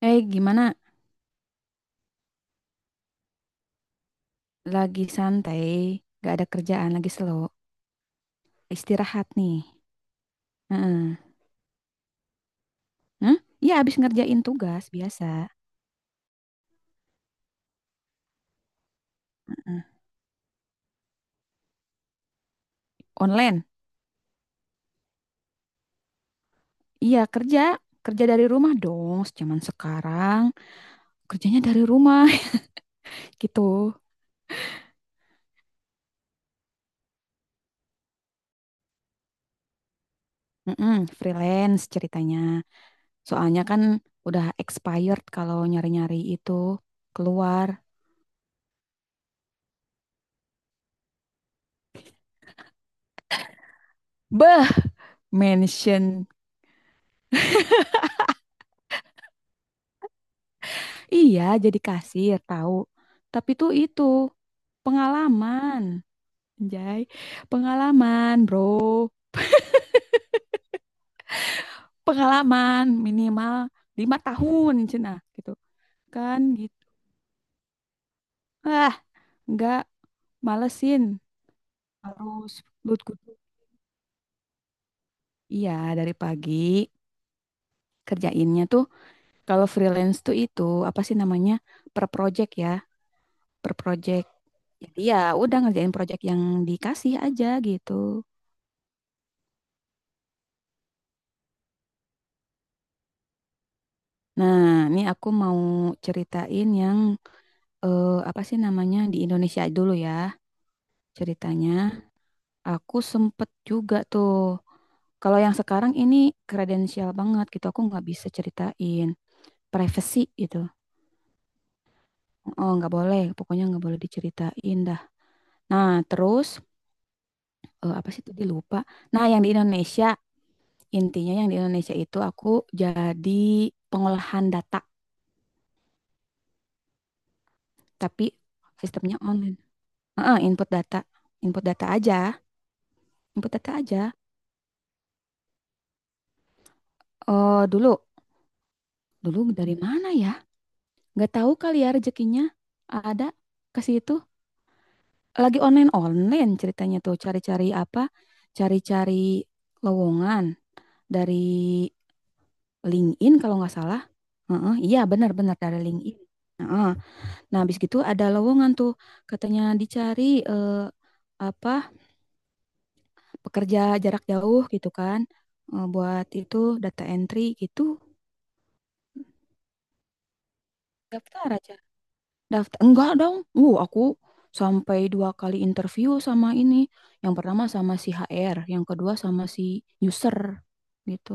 Eh, gimana? Lagi santai, gak ada kerjaan, lagi slow. Istirahat nih. Heeh. Hah? Iya, abis ngerjain tugas biasa. Heeh. Online? Iya, kerja. Kerja dari rumah dong, zaman sekarang. Kerjanya dari rumah, gitu. Heeh, freelance ceritanya. Soalnya kan udah expired kalau nyari-nyari itu keluar. Beh, mention. Iya, jadi kasir, tahu. Tapi tuh itu pengalaman. Anjay, pengalaman bro, pengalaman minimal 5 tahun cina gitu kan gitu. Ah, nggak malesin harus lut kutu. Iya dari pagi kerjainnya tuh kalau freelance tuh itu apa sih namanya per project ya per project. Jadi ya udah ngerjain project yang dikasih aja gitu. Nah, ini aku mau ceritain yang apa sih namanya di Indonesia dulu ya ceritanya. Aku sempet juga tuh. Kalau yang sekarang ini kredensial banget gitu. Aku nggak bisa ceritain. Privacy gitu. Oh, nggak boleh. Pokoknya nggak boleh diceritain dah. Nah, terus apa sih tadi lupa. Nah, yang di Indonesia intinya yang di Indonesia itu aku jadi pengolahan data, tapi sistemnya online. Heeh, input data aja, input data aja. Oh, dulu, dulu dari mana ya? Nggak tahu kali ya rezekinya ada ke situ. Lagi online-online ceritanya tuh cari-cari apa? Cari-cari lowongan dari LinkedIn kalau nggak salah. Heeh, iya benar-benar dari LinkedIn. Heeh. Nah, habis gitu ada lowongan tuh katanya dicari eh, apa? Pekerja jarak jauh gitu kan. Buat itu data entry gitu. Daftar aja. Daftar enggak dong. Aku sampai 2 kali interview sama ini. Yang pertama sama si HR, yang kedua sama si user gitu.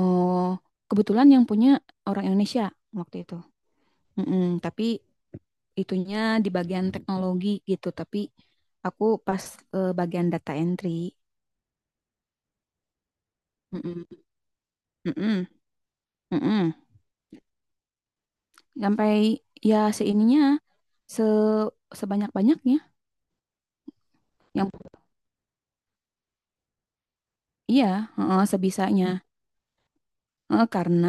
Oh, kebetulan yang punya orang Indonesia waktu itu. Mm-mm, tapi itunya di bagian teknologi gitu, tapi aku pas bagian data entry. Mm-mm, mm-mm, mm-mm. Sampai ya seininya se sebanyak-banyaknya yang iya, heeh, sebisanya. Karena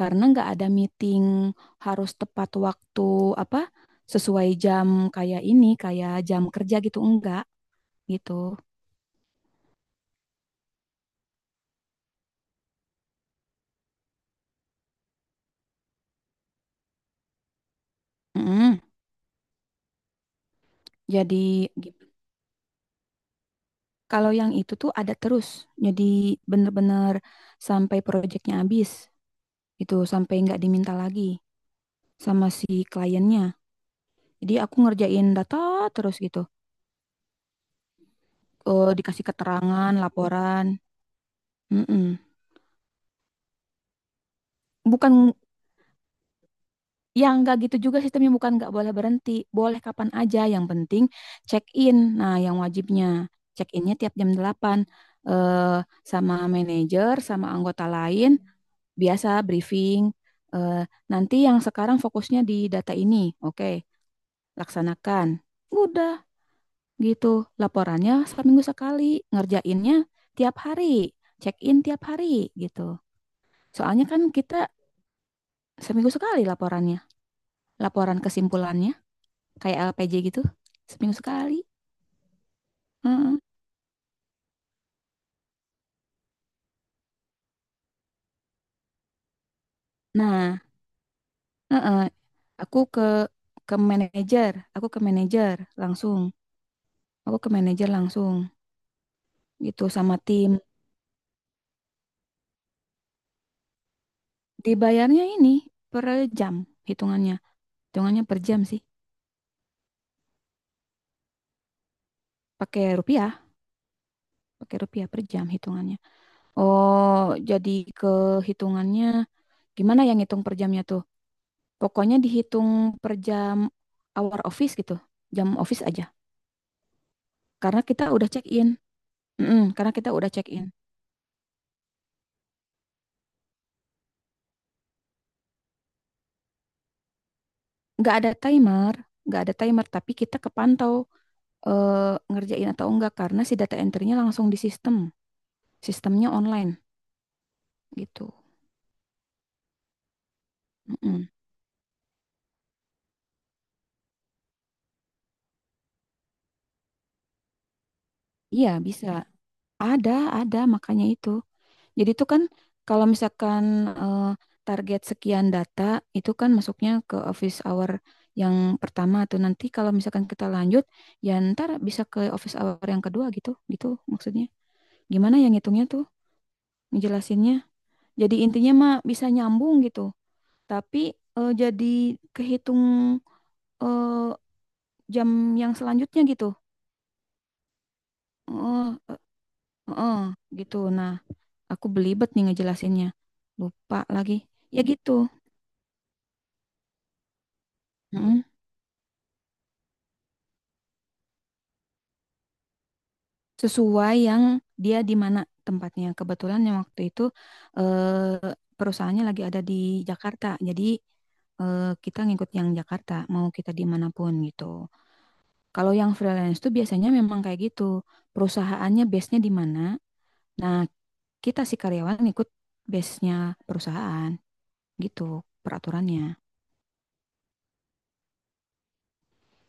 nggak ada meeting harus tepat waktu apa sesuai jam kayak ini kayak jam kerja gitu enggak gitu. Mm-mm. Jadi gitu. Kalau yang itu tuh ada terus. Jadi bener-bener sampai proyeknya habis itu sampai nggak diminta lagi sama si kliennya. Jadi aku ngerjain data terus gitu. Dikasih keterangan, laporan. Mm-mm. Bukan Ya nggak gitu juga sistemnya bukan nggak boleh berhenti, boleh kapan aja yang penting check in. Nah, yang wajibnya check innya tiap jam 8 eh, sama manajer sama anggota lain biasa briefing. eh, Nanti yang sekarang fokusnya di data ini, oke, laksanakan. Udah gitu, laporannya seminggu sekali, ngerjainnya tiap hari, check in tiap hari gitu. Soalnya kan kita seminggu sekali laporannya, laporan kesimpulannya kayak LPJ gitu seminggu sekali. Heeh. Nah, heeh, aku ke manajer, aku ke manajer langsung, aku ke manajer langsung gitu sama tim. Dibayarnya ini per jam hitungannya, hitungannya per jam sih, pakai rupiah, pakai rupiah per jam hitungannya. Oh, jadi ke hitungannya gimana yang ngitung per jamnya tuh? Pokoknya dihitung per jam hour office gitu, jam office aja. Karena kita udah check in, mm-mm, karena kita udah check in. Nggak ada timer, nggak ada timer, tapi kita kepantau eh, ngerjain atau enggak karena si data entry-nya langsung di sistem, sistemnya online gitu. Mm-mm. Iya bisa, ada ada makanya itu. Jadi itu kan kalau misalkan eh, target sekian data itu kan masuknya ke office hour yang pertama tuh nanti kalau misalkan kita lanjut ya ntar bisa ke office hour yang kedua gitu gitu maksudnya gimana yang ngitungnya tuh ngejelasinnya jadi intinya mah bisa nyambung gitu tapi jadi kehitung eh, jam yang selanjutnya gitu. Heeh, eh, heeh, gitu. Nah, aku belibet nih ngejelasinnya. Lupa lagi. Ya gitu. Mm-mm. Sesuai yang dia di mana tempatnya. Kebetulan yang waktu itu perusahaannya lagi ada di Jakarta. Jadi kita ngikut yang Jakarta, mau kita dimanapun gitu. Kalau yang freelance tuh biasanya memang kayak gitu, perusahaannya base-nya di mana. Nah, kita si karyawan ikut base-nya perusahaan gitu peraturannya.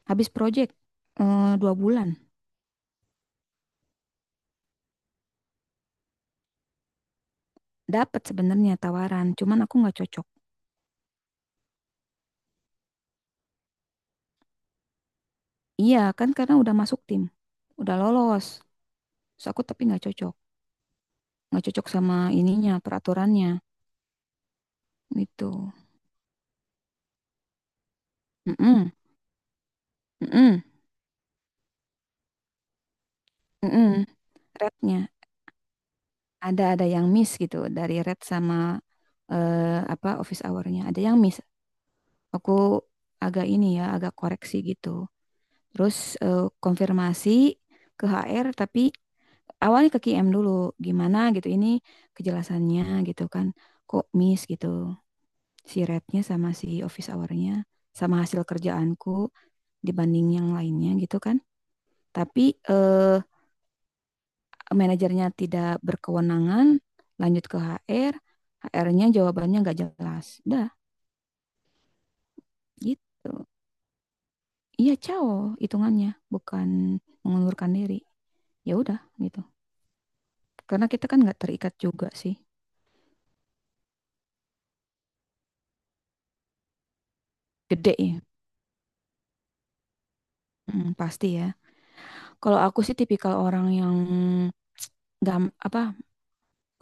Habis project 2 bulan dapat sebenarnya tawaran, cuman aku nggak cocok. Iya kan karena udah masuk tim, udah lolos. So aku tapi nggak cocok sama ininya peraturannya gitu. Mm-mm, mm-mm, mm-mm. Rednya ada yang miss gitu dari red sama eh, apa office hour-nya ada yang miss. Aku agak ini ya, agak koreksi gitu. Terus konfirmasi ke HR tapi awalnya ke KM dulu. Gimana gitu ini kejelasannya gitu kan. Kok miss gitu. Si rate-nya sama si office hour-nya sama hasil kerjaanku dibanding yang lainnya gitu kan. Tapi manajernya tidak berkewenangan, lanjut ke HR, HR-nya jawabannya nggak jelas. Dah, gitu. Iya, cao hitungannya, bukan mengundurkan diri. Ya udah gitu. Karena kita kan nggak terikat juga sih. Gede ya. Mm, pasti ya. Kalau aku sih tipikal orang yang nggak apa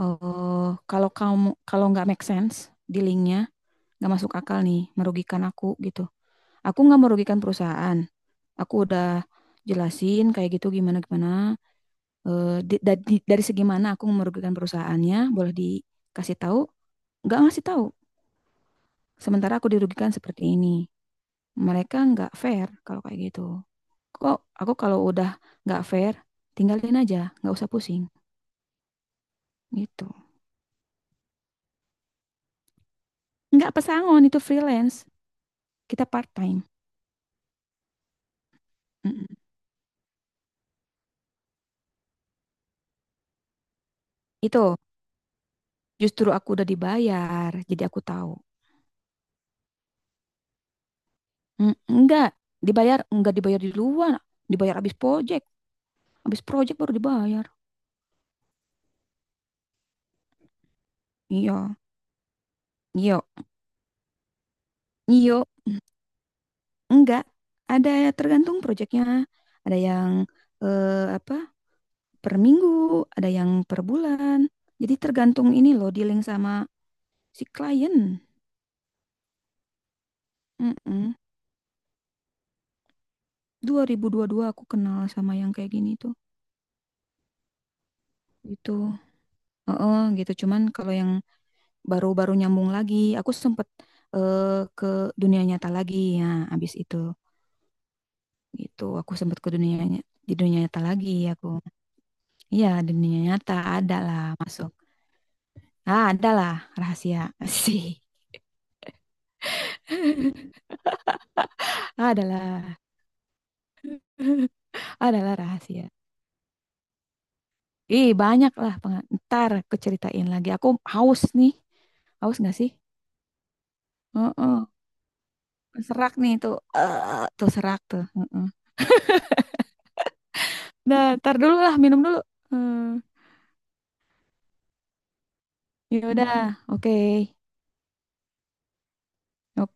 kalau kamu kalau nggak make sense dealingnya nggak masuk akal nih merugikan aku gitu aku nggak merugikan perusahaan aku udah jelasin kayak gitu gimana gimana. Dari segi mana aku merugikan perusahaannya boleh dikasih tahu nggak ngasih tahu sementara aku dirugikan seperti ini. Mereka nggak fair kalau kayak gitu. Kok aku kalau udah nggak fair, tinggalin aja, nggak usah pusing gitu. Nggak pesangon itu freelance, kita part time. Mm-mm. Itu justru aku udah dibayar, jadi aku tahu. Mm, nggak dibayar, nggak dibayar di luar, dibayar abis project, abis project baru dibayar. Iya, iya, iya, enggak. Ada tergantung projectnya, ada yang apa per minggu, ada yang per bulan. Jadi tergantung ini loh, dealing sama si klien. Mm-mm. 2022 aku kenal sama yang kayak gini tuh. Gitu. Heeh, gitu. Cuman kalau yang baru-baru nyambung lagi, aku sempet eh, ke dunia nyata lagi ya abis itu. Gitu, aku sempet di dunia nyata lagi aku. Iya, dunia nyata ada lah masuk. Ah, ada lah rahasia. Sih. Adalah, adalah rahasia. Ih, banyak lah. Ntar keceritain lagi. Aku haus nih. Haus gak sih? Heeh. Serak nih tuh. Eh, tuh serak tuh. Heeh. Nah, ntar dulu lah. Minum dulu. Hmm. Ya udah. Oke. Oke.